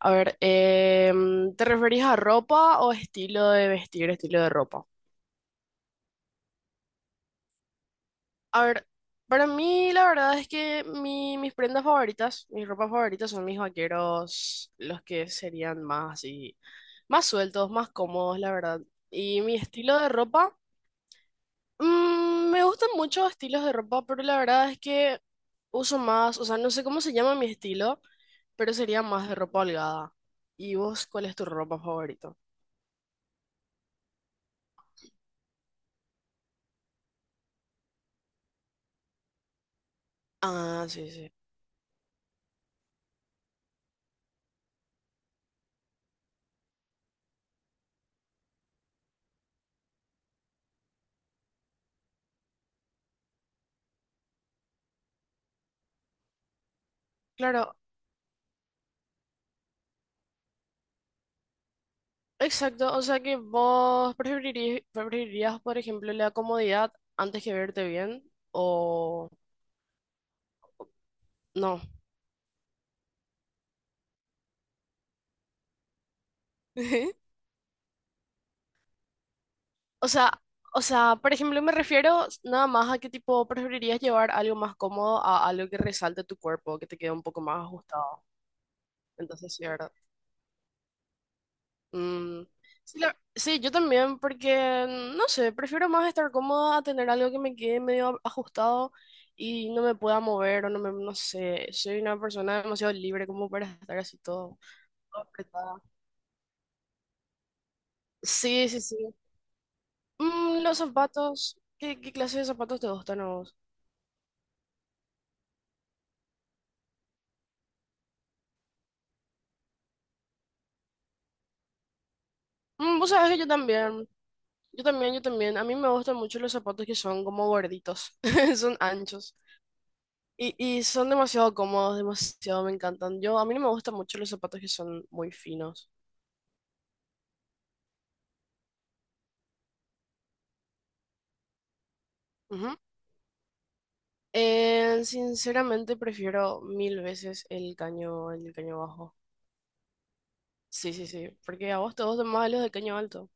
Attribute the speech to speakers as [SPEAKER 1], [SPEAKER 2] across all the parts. [SPEAKER 1] A ver, ¿te referís a ropa o estilo de vestir, estilo de ropa? A ver, para mí la verdad es que mis prendas favoritas, mis ropas favoritas son mis vaqueros, los que serían más así, más sueltos, más cómodos, la verdad. Y mi estilo de ropa, me gustan muchos estilos de ropa, pero la verdad es que uso más, o sea, no sé cómo se llama mi estilo, pero sería más de ropa holgada. ¿Y vos cuál es tu ropa favorita? Ah, sí, sí. Claro, exacto, o sea que vos preferirías, por ejemplo, la comodidad antes que verte bien o no. O sea, o sea, por ejemplo, me refiero nada más a que tipo preferirías llevar algo más cómodo a algo que resalte tu cuerpo, que te quede un poco más ajustado. Entonces, sí, ¿verdad? Mm, sí, sí, yo también, porque no sé, prefiero más estar cómoda a tener algo que me quede medio ajustado y no me pueda mover o no me, no sé, soy una persona demasiado libre como para estar así todo, todo apretada. Sí, sí, sí. Los zapatos, ¿qué clase de zapatos te gustan a vos? Vos sabés que yo también, yo también, yo también. A mí me gustan mucho los zapatos que son como gorditos, son anchos. Y son demasiado cómodos, demasiado me encantan. Yo, a mí no me gustan mucho los zapatos que son muy finos. Ujú. Sinceramente prefiero mil veces el caño bajo. Sí, sí, sí. Porque a vos te gustan más los de caño alto.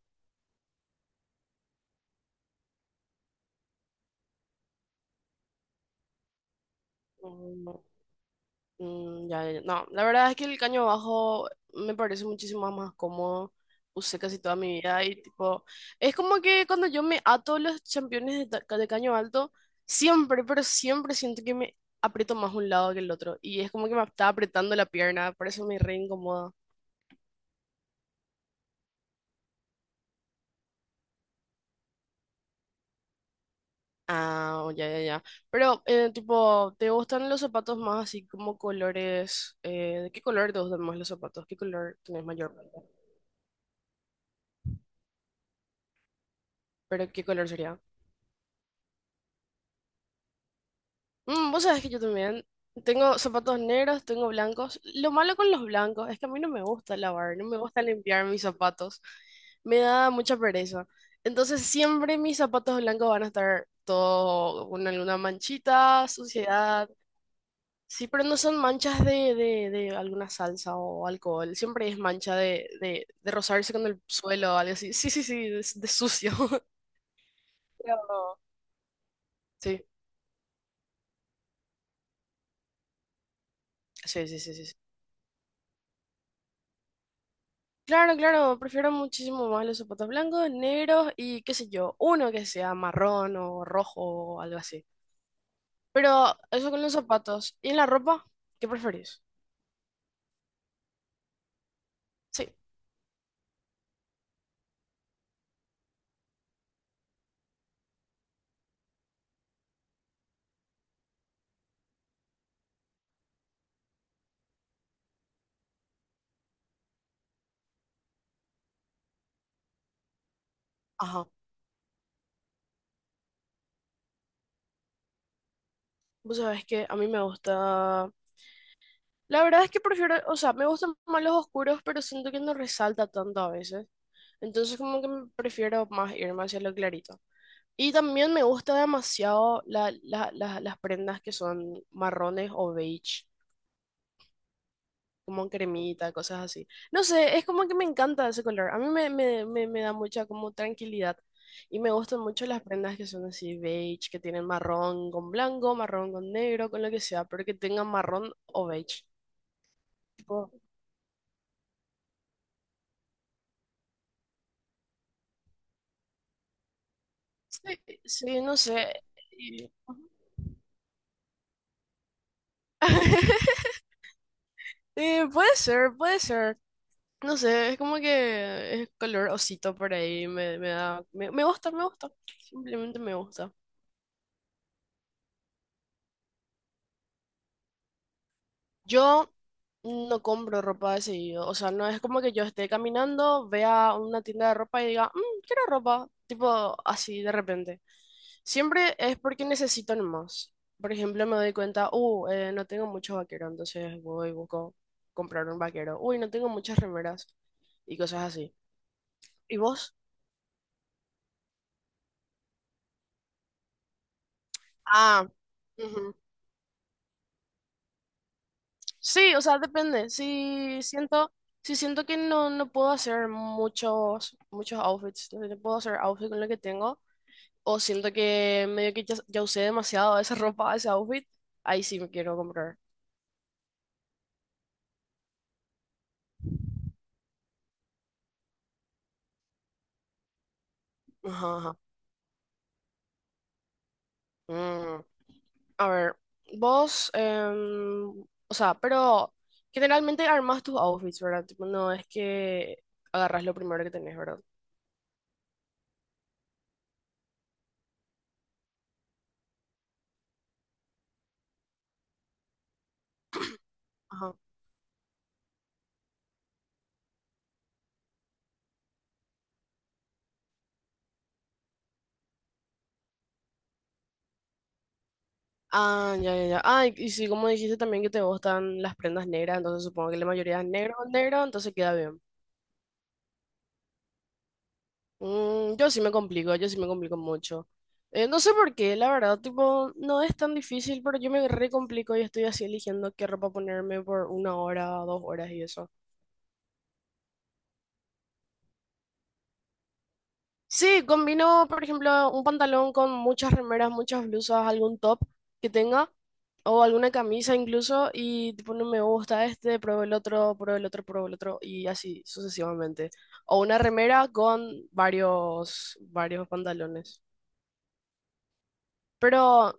[SPEAKER 1] No, no. Mm, ya, ya. Ya. No, la verdad es que el caño bajo me parece muchísimo más cómodo. Usé casi toda mi vida y tipo, es como que cuando yo me ato los championes de, de caño alto, siempre, pero siempre siento que me aprieto más un lado que el otro. Y es como que me está apretando la pierna, por eso me re incomoda. Ah, oh, ya, ya, ya. Pero, tipo, ¿te gustan los zapatos más así como colores? Eh, ¿de qué color te gustan más los zapatos? ¿Qué color tenés mayor? ¿Pero qué color sería? Vos sabés que yo también tengo zapatos negros, tengo blancos. Lo malo con los blancos es que a mí no me gusta lavar, no me gusta limpiar mis zapatos. Me da mucha pereza. Entonces siempre mis zapatos blancos van a estar todo con alguna manchita, suciedad. Sí, pero no son manchas de, de alguna salsa o alcohol. Siempre es mancha de, de rozarse con el suelo o algo así. Sí, sí, sí, de sucio. Pero- Sí, sí, sí, sí, sí. Claro, claro, prefiero muchísimo más los zapatos blancos, negros y qué sé yo, uno que sea marrón o rojo o algo así. Pero eso con los zapatos. ¿Y en la ropa? ¿Qué preferís? Sí, ajá. Vos sabés que a mí me gusta... La verdad es que prefiero, o sea, me gustan más los oscuros, pero siento que no resalta tanto a veces. Entonces como que me prefiero más irme hacia lo clarito. Y también me gusta demasiado las prendas que son marrones o beige. Como cremita, cosas así. No sé, es como que me encanta ese color. A mí me, me da mucha como tranquilidad. Y me gustan mucho las prendas que son así beige, que tienen marrón con blanco, marrón con negro, con lo que sea, pero que tengan marrón o beige. Tipo, sí, sí, no sé. Y- puede ser, puede ser. No sé, es como que es color osito por ahí, me, da, me gusta, me gusta. Simplemente me gusta. Yo no compro ropa de seguido, o sea, no es como que yo esté caminando, vea una tienda de ropa y diga, Quiero ropa, tipo así de repente." Siempre es porque necesito nomás. Por ejemplo, me doy cuenta, no tengo muchos vaqueros, entonces voy y busco comprar un vaquero. Uy, no tengo muchas remeras y cosas así. ¿Y vos? Ah, ujú. Sí, o sea, depende. Si siento que no puedo hacer muchos, muchos outfits, no sé, no puedo hacer outfit con lo que tengo, o siento que medio que ya usé demasiado esa ropa, ese outfit, ahí sí me quiero comprar. Ajá, ajá. Mm, A ver, vos, o sea, pero generalmente armas tus outfits, ¿verdad? Tipo, no es que agarras lo primero que tenés, ¿verdad? Ajá. Ah, ya, ya, ya. Ah, y sí, como dijiste también que te gustan las prendas negras, entonces supongo que la mayoría es negro, con negro, entonces queda bien. Yo sí me complico, yo sí me complico mucho. No sé por qué, la verdad, tipo, no es tan difícil, pero yo me re complico y estoy así eligiendo qué ropa ponerme por una hora, dos horas y eso. Sí, combino, por ejemplo, un pantalón con muchas remeras, muchas blusas, algún top que tenga, o alguna camisa incluso, y tipo, no me gusta este, pruebo el otro, pruebo el otro, pruebo el otro, y así sucesivamente. O una remera con varios, varios pantalones. Pero,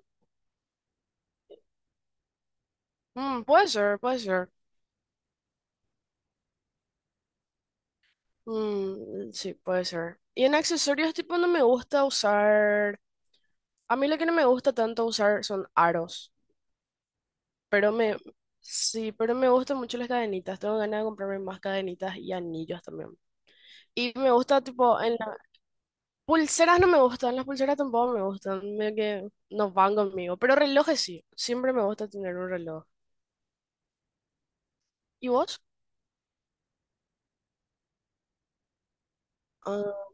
[SPEAKER 1] puede ser, puede ser. Mm, sí, puede ser. Y en accesorios, tipo, no me gusta usar, a mí lo que no me gusta tanto usar son aros. Pero me, sí, pero me gustan mucho las cadenitas. Tengo ganas de comprarme más cadenitas y anillos también. Y me gusta, tipo, en pulseras no me gustan, las pulseras tampoco me gustan, medio que no van conmigo. Pero relojes sí, siempre me gusta tener un reloj. ¿Y vos? Ah,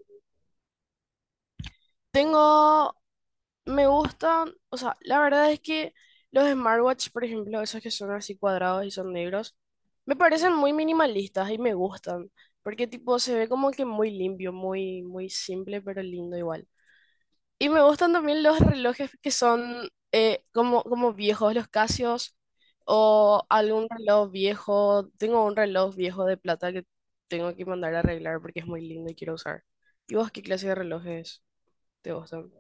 [SPEAKER 1] tengo, me gustan, o sea, la verdad es que los smartwatch, por ejemplo, esos que son así cuadrados y son negros, me parecen muy minimalistas y me gustan. Porque tipo se ve como que muy limpio, muy, muy simple, pero lindo igual. Y me gustan también los relojes que son como, viejos, los Casios o algún reloj viejo. Tengo un reloj viejo de plata que tengo que mandar a arreglar porque es muy lindo y quiero usar. ¿Y vos qué clase de relojes te gustan?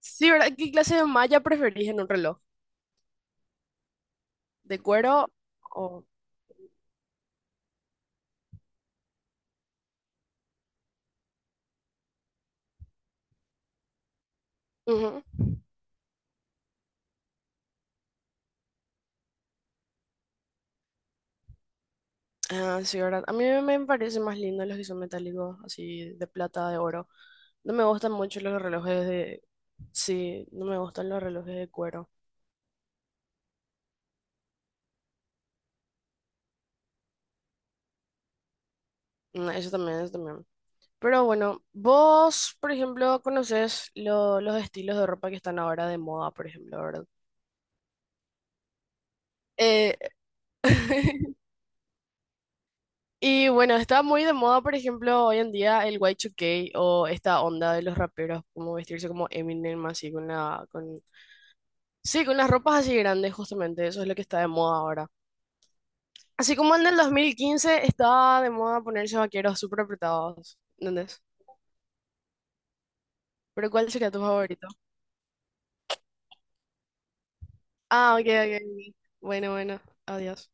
[SPEAKER 1] Sí, ¿verdad? ¿Qué clase de malla preferís en un reloj? ¿De cuero o...? Ujú. Ah, sí, ¿verdad? A mí me parecen más lindos los que son metálicos, así de plata, de oro. No me gustan mucho los relojes de... Sí, no me gustan los relojes de cuero. Mm, eso también, eso también. Pero bueno, vos, por ejemplo, conoces los estilos de ropa que están ahora de moda, por ejemplo, ¿verdad? Eh, y bueno, está muy de moda, por ejemplo, hoy en día el Y2K o esta onda de los raperos, como vestirse como Eminem, así con la, con, sí, con las ropas así grandes, justamente, eso es lo que está de moda ahora. Así como en el 2015 estaba de moda ponerse vaqueros súper apretados, ¿entendés? Pero ¿cuál sería tu favorito? Ah, ok, ok. Ok. Bueno, bueno, adiós.